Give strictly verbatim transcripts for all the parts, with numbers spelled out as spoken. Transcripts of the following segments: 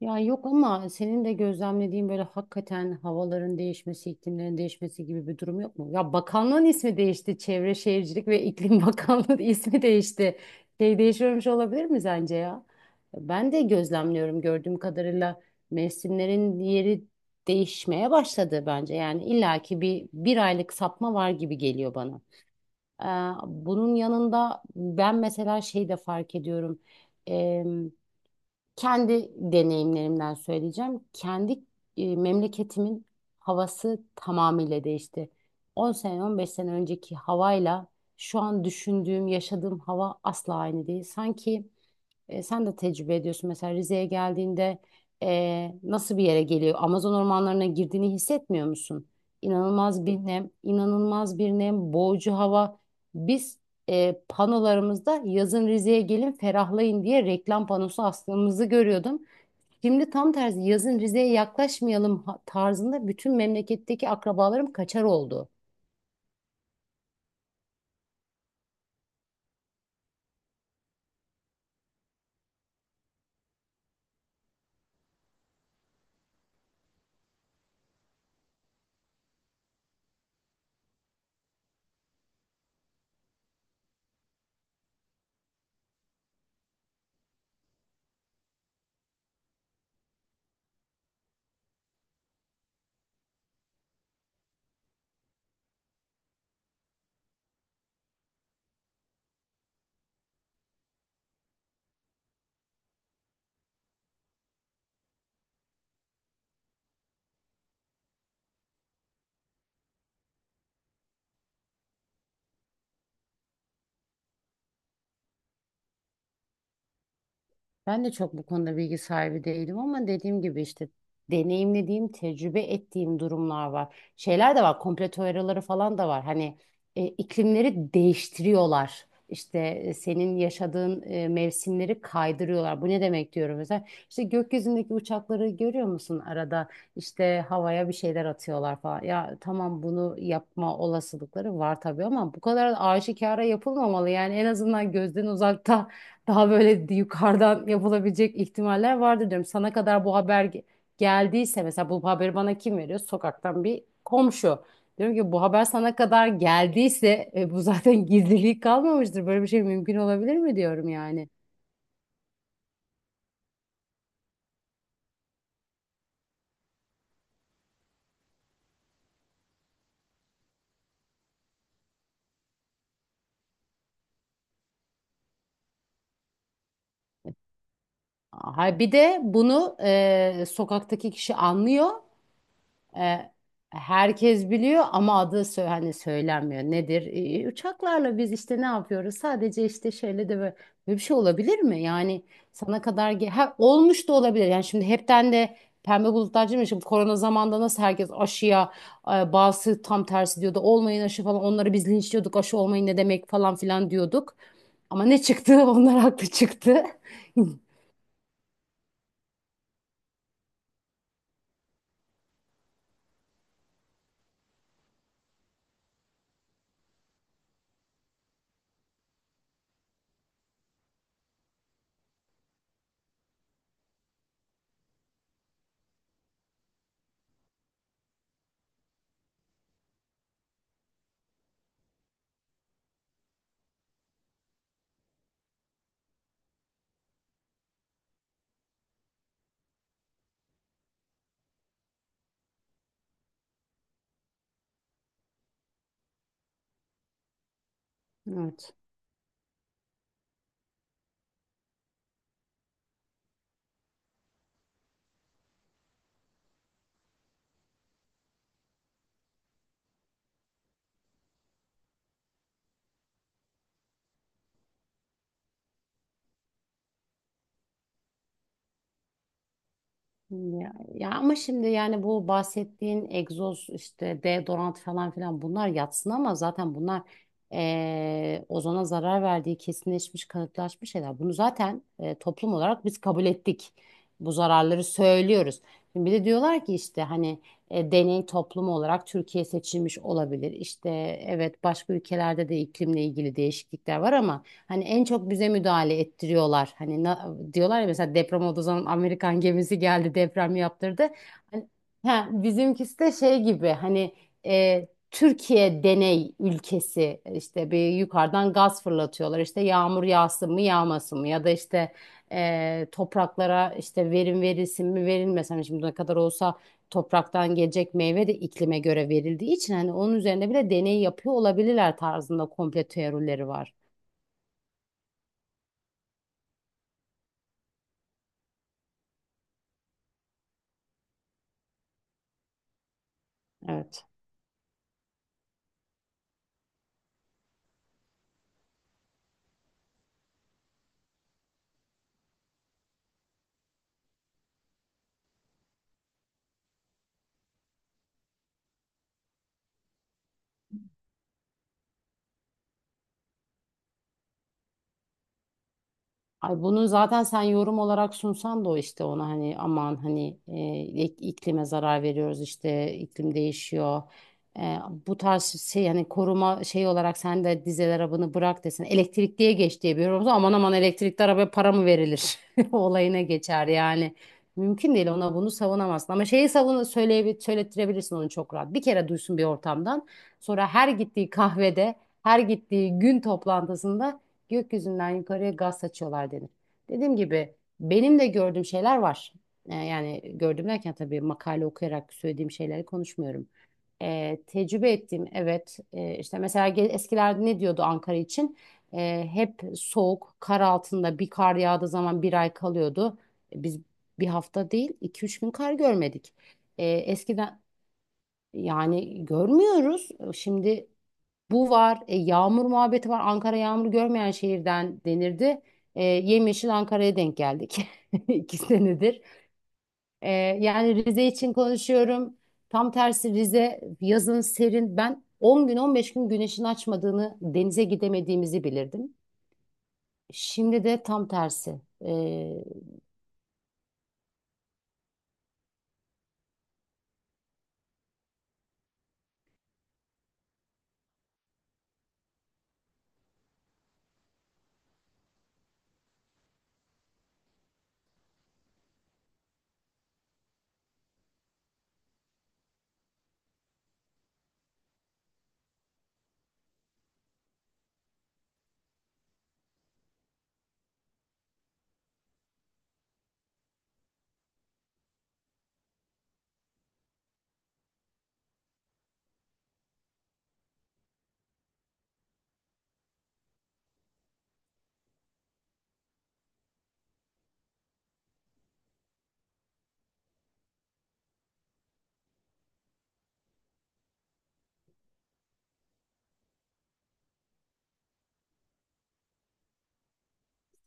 Ya yok ama senin de gözlemlediğin böyle hakikaten havaların değişmesi, iklimlerin değişmesi gibi bir durum yok mu? Ya bakanlığın ismi değişti. Çevre Şehircilik ve İklim Bakanlığı ismi değişti. Şey değişiyormuş olabilir mi sence ya? Ben de gözlemliyorum, gördüğüm kadarıyla mevsimlerin yeri değişmeye başladı bence. Yani illaki bir bir aylık sapma var gibi geliyor bana. Ee, bunun yanında ben mesela şey de fark ediyorum. Kendi deneyimlerimden söyleyeceğim. Kendi e, memleketimin havası tamamıyla değişti. on sene, on beş sene önceki havayla şu an düşündüğüm, yaşadığım hava asla aynı değil. Sanki e, sen de tecrübe ediyorsun. Mesela Rize'ye geldiğinde e, nasıl bir yere geliyor? Amazon ormanlarına girdiğini hissetmiyor musun? İnanılmaz bir nem, inanılmaz bir nem, boğucu hava. Biz e, panolarımızda yazın Rize'ye gelin ferahlayın diye reklam panosu astığımızı görüyordum. Şimdi tam tersi, yazın Rize'ye yaklaşmayalım ha- tarzında, bütün memleketteki akrabalarım kaçar oldu. Ben de çok bu konuda bilgi sahibi değilim ama dediğim gibi işte deneyimlediğim, tecrübe ettiğim durumlar var. Şeyler de var, komplo teorileri falan da var. Hani e, iklimleri değiştiriyorlar. İşte e, senin yaşadığın e, mevsimleri kaydırıyorlar. Bu ne demek diyorum mesela. İşte gökyüzündeki uçakları görüyor musun arada? İşte havaya bir şeyler atıyorlar falan. Ya tamam, bunu yapma olasılıkları var tabii ama bu kadar aşikara yapılmamalı. Yani en azından gözden uzakta, daha böyle yukarıdan yapılabilecek ihtimaller vardır diyorum. Sana kadar bu haber ge- geldiyse, mesela bu haberi bana kim veriyor? Sokaktan bir komşu. Diyorum ki bu haber sana kadar geldiyse e, bu zaten gizliliği kalmamıştır. Böyle bir şey mümkün olabilir mi diyorum yani. Hay bir de bunu e, sokaktaki kişi anlıyor. E, Herkes biliyor ama adı sö- hani söylenmiyor. Nedir? E, uçaklarla biz işte ne yapıyoruz? Sadece işte şöyle de böyle, böyle bir şey olabilir mi? Yani sana kadar ge- ha, olmuş da olabilir. Yani şimdi hepten de pembe bulutlar değil mi? Şimdi korona zamanında nasıl herkes aşıya e, bazısı tam tersi diyordu. Olmayın aşı falan. Onları biz linçliyorduk. Aşı olmayın ne demek falan filan diyorduk. Ama ne çıktı? Onlar haklı çıktı. Evet. Ya, ya ama şimdi yani bu bahsettiğin egzoz, işte deodorant falan filan, bunlar yatsın ama zaten bunlar eee, ozona zarar verdiği kesinleşmiş, kanıtlaşmış şeyler. Bunu zaten e, toplum olarak biz kabul ettik. Bu zararları söylüyoruz. Şimdi bir de diyorlar ki işte hani e, deney toplumu olarak Türkiye seçilmiş olabilir. İşte evet, başka ülkelerde de iklimle ilgili değişiklikler var ama Hani en çok bize müdahale ettiriyorlar. Hani na- diyorlar ya, mesela deprem olduğu zaman Amerikan gemisi geldi, deprem yaptırdı. Hani, ha, bizimkisi de şey gibi hani, e, Türkiye deney ülkesi, e, işte bir yukarıdan gaz fırlatıyorlar. İşte yağmur yağsın mı yağmasın mı, ya da işte e, topraklara işte verim verilsin mi verilmesin mi, şimdi ne kadar olsa topraktan gelecek meyve de iklime göre verildiği için, hani onun üzerine bile deney yapıyor olabilirler tarzında komple teorileri var. Evet. Ay bunu zaten sen yorum olarak sunsan da, o işte ona hani aman, hani e, ik- iklime zarar veriyoruz, işte iklim değişiyor. E, bu tarz şey, hani koruma şey olarak sen de dizel arabanı bırak desin, elektrikliye geç diye bir yorum olsa, aman aman elektrikli arabaya para mı verilir? Olayına geçer yani. Mümkün değil, ona bunu savunamazsın. Ama şeyi savun, söyleye söylettirebilirsin onu çok rahat. Bir kere duysun bir ortamdan. Sonra her gittiği kahvede, her gittiği gün toplantısında gökyüzünden yukarıya gaz saçıyorlar denir. Dediğim gibi, benim de gördüğüm şeyler var. Ee, yani gördüm derken, tabii makale okuyarak söylediğim şeyleri konuşmuyorum. Ee, tecrübe ettiğim, evet, e, işte mesela ge- eskilerde ne diyordu Ankara için? Ee, hep soğuk, kar altında, bir kar yağdığı zaman bir ay kalıyordu. E, Biz bir hafta değil, iki üç gün kar görmedik. Ee, eskiden, yani görmüyoruz şimdi, bu var. E, yağmur muhabbeti var. Ankara yağmur görmeyen şehirden denirdi. E, yemyeşil Ankara'ya denk geldik. iki senedir. E, yani Rize için konuşuyorum. Tam tersi, Rize yazın serin. Ben on gün on beş gün güneşin açmadığını, denize gidemediğimizi bilirdim. Şimdi de tam tersi. E,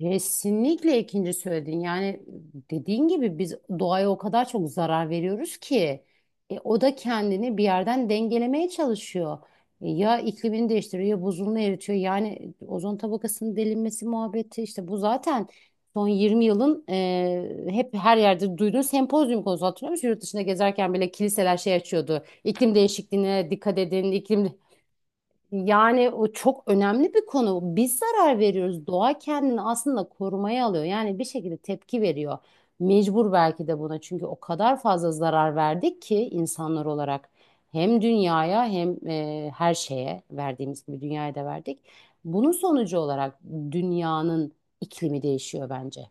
Kesinlikle ikinci söyledin. Yani dediğin gibi, biz doğaya o kadar çok zarar veriyoruz ki e, o da kendini bir yerden dengelemeye çalışıyor. E, ya iklimini değiştiriyor ya buzulunu eritiyor. Yani ozon tabakasının delinmesi muhabbeti işte bu zaten son yirmi yılın e, hep her yerde duyduğun sempozyum konusu, hatırlıyor musun? Yurt dışında gezerken bile kiliseler şey açıyordu: İklim değişikliğine dikkat edin, iklim, yani o çok önemli bir konu. Biz zarar veriyoruz. Doğa kendini aslında korumaya alıyor. Yani bir şekilde tepki veriyor. Mecbur belki de buna. Çünkü o kadar fazla zarar verdik ki insanlar olarak. Hem dünyaya hem e, her şeye verdiğimiz gibi dünyaya da verdik. Bunun sonucu olarak dünyanın iklimi değişiyor bence.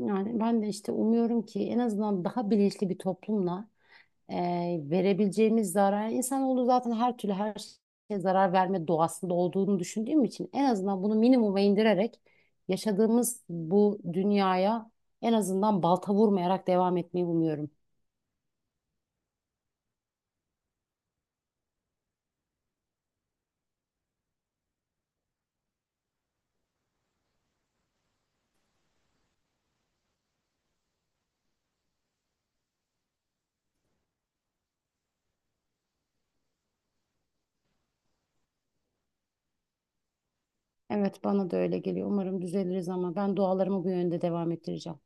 Yani ben de işte umuyorum ki en azından daha bilinçli bir toplumla e, verebileceğimiz zarar, yani insanoğlu zaten her türlü her şeye zarar verme doğasında olduğunu düşündüğüm için, en azından bunu minimuma indirerek yaşadığımız bu dünyaya en azından balta vurmayarak devam etmeyi umuyorum. Evet, bana da öyle geliyor. Umarım düzeliriz ama ben dualarımı bu yönde devam ettireceğim.